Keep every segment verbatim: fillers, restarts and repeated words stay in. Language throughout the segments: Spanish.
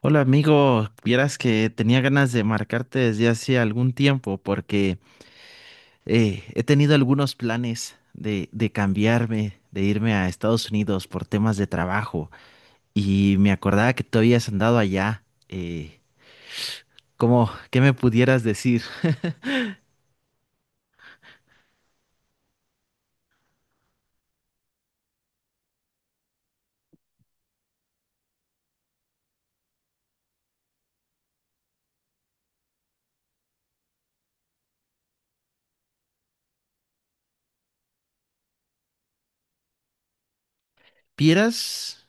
Hola amigo, vieras que tenía ganas de marcarte desde hace algún tiempo porque eh, he tenido algunos planes de, de cambiarme, de irme a Estados Unidos por temas de trabajo y me acordaba que tú habías andado allá. Eh, ¿Cómo, qué me pudieras decir? ¿Vieras?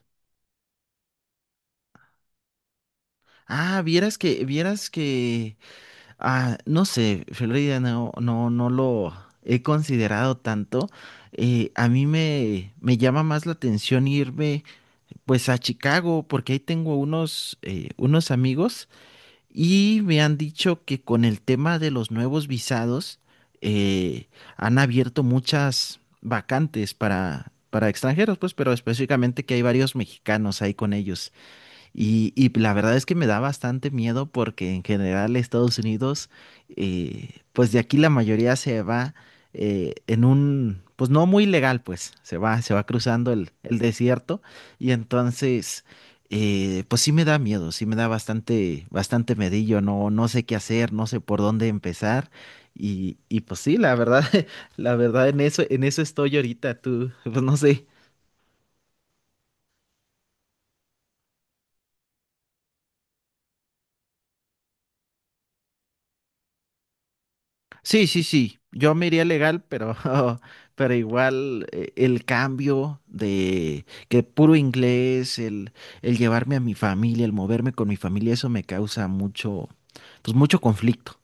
Ah, vieras que, vieras que, ah, no sé, Florida no, no, no lo he considerado tanto. Eh, a mí me, me llama más la atención irme pues a Chicago, porque ahí tengo unos, eh, unos amigos y me han dicho que con el tema de los nuevos visados eh, han abierto muchas vacantes para, para extranjeros, pues, pero específicamente que hay varios mexicanos ahí con ellos. Y, y la verdad es que me da bastante miedo porque en general Estados Unidos, eh, pues de aquí la mayoría se va eh, en un, pues no muy legal, pues se va, se va cruzando el, el desierto y entonces, eh, pues sí me da miedo, sí me da bastante, bastante medillo, no, no sé qué hacer, no sé por dónde empezar y, y pues sí, la verdad, la verdad en eso, en eso estoy ahorita, tú, pues no sé. Sí, sí, sí. Yo me iría legal, pero, pero igual eh, el cambio de que puro inglés, el, el llevarme a mi familia, el moverme con mi familia, eso me causa mucho, pues mucho conflicto.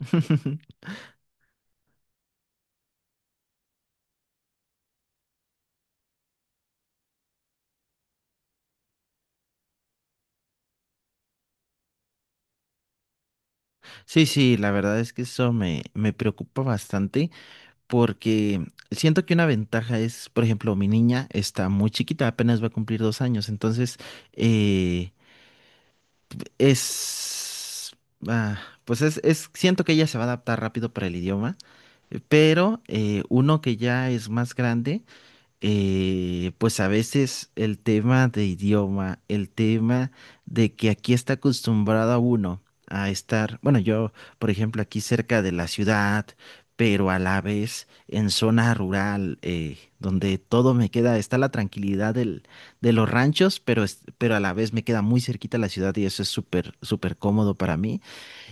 Sí, sí, la verdad es que eso me, me preocupa bastante porque siento que una ventaja es, por ejemplo, mi niña está muy chiquita, apenas va a cumplir dos años, entonces, eh, Es, ah, pues es, es- siento que ella se va a adaptar rápido para el idioma, eh, pero eh, uno que ya es más grande eh, pues a veces el tema de idioma, el tema de que aquí está acostumbrado a uno a estar, bueno, yo, por ejemplo, aquí cerca de la ciudad, pero a la vez en zona rural, eh, donde todo me queda, está la tranquilidad del, de los ranchos, pero, es- pero a la vez me queda muy cerquita la ciudad y eso es súper, súper cómodo para mí.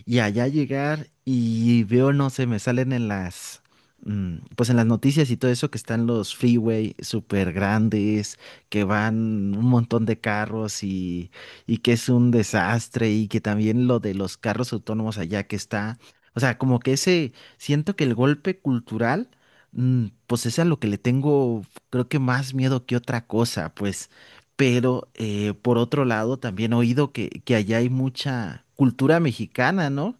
Y allá llegar y veo, no sé, me salen en las, mm, pues en las noticias y todo eso que están los freeway súper grandes, que van un montón de carros y, y que es un desastre y que también lo de los carros autónomos allá que está, o sea, como que ese, siento que el golpe cultural, mm, pues es a lo que le tengo, creo que más miedo que otra cosa, pues. Pero eh, por otro lado, también he oído que, que allá hay mucha cultura mexicana, ¿no?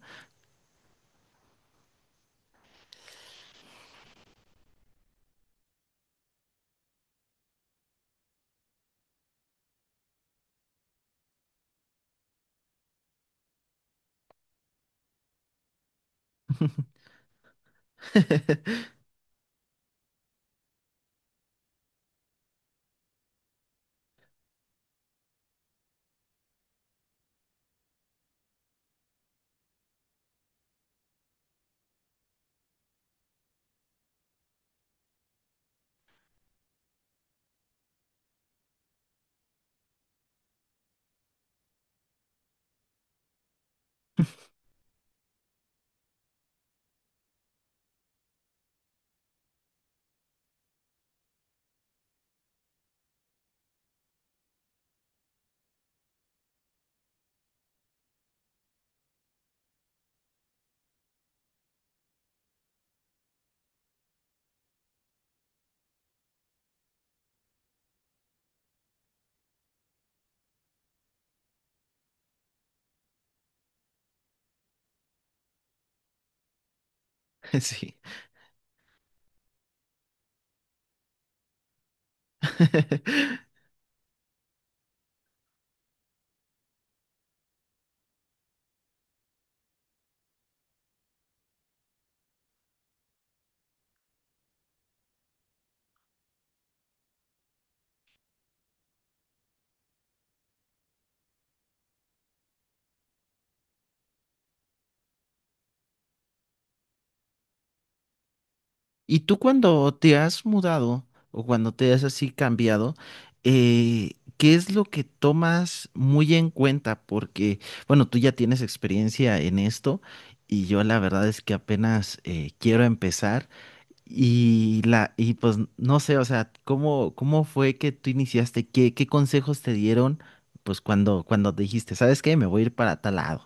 Sí. ¿Y tú cuando te has mudado o cuando te has así cambiado, eh, qué es lo que tomas muy en cuenta? Porque, bueno, tú ya tienes experiencia en esto y yo la verdad es que apenas eh, quiero empezar y la y pues no sé, o sea, ¿cómo cómo fue que tú iniciaste? ¿Qué qué consejos te dieron pues cuando cuando dijiste, ¿sabes qué? Me voy a ir para tal lado.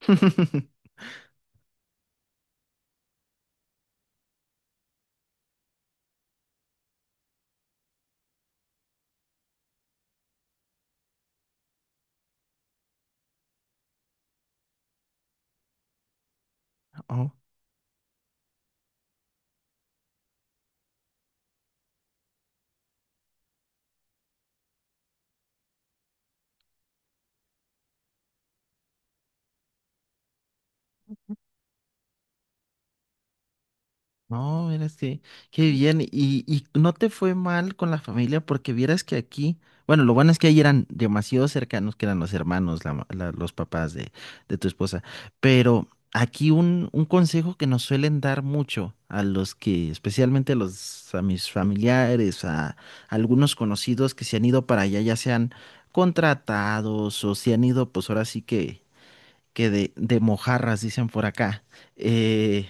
Oh. No, mira, que, qué bien. Y, y no te fue mal con la familia porque vieras que aquí, bueno, lo bueno es que ahí eran demasiado cercanos, que eran los hermanos, la ma- la- los papás de, de tu esposa. Pero aquí un, un consejo que nos suelen dar mucho a los que, especialmente a los, a mis familiares, a, algunos conocidos que se han ido para allá, ya sean contratados o se han ido, pues ahora sí que, que de, de mojarras, dicen por acá. eh,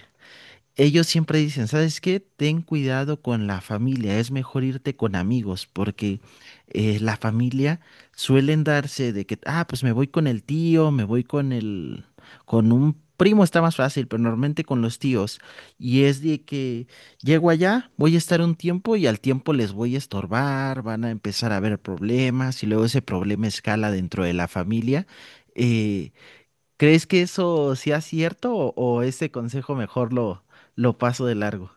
Ellos siempre dicen, ¿sabes qué? Ten cuidado con la familia, es mejor irte con amigos, porque eh, la familia suelen darse de que, ah, pues me voy con el tío, me voy con el, con un primo está más fácil, pero normalmente con los tíos. Y es de que llego allá, voy a estar un tiempo y al tiempo les voy a estorbar, van a empezar a haber problemas y luego ese problema escala dentro de la familia. Eh, ¿Crees que eso sea cierto o, o ese consejo mejor lo, lo paso de largo?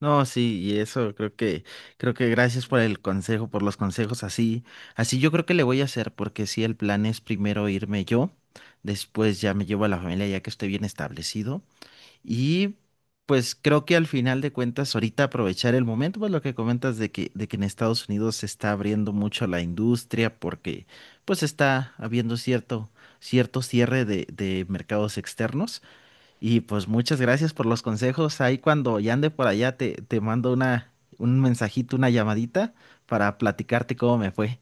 No, sí, y eso creo que, creo que gracias por el consejo, por los consejos así. Así yo creo que le voy a hacer, porque sí, el plan es primero irme yo, después ya me llevo a la familia ya que estoy bien establecido. Y pues creo que al final de cuentas, ahorita aprovechar el momento, pues lo que comentas de que, de que en Estados Unidos se está abriendo mucho la industria porque pues está habiendo cierto, cierto cierre de, de mercados externos. Y pues muchas gracias por los consejos. Ahí cuando ya ande por allá te, te mando una, un mensajito, una llamadita para platicarte cómo me fue.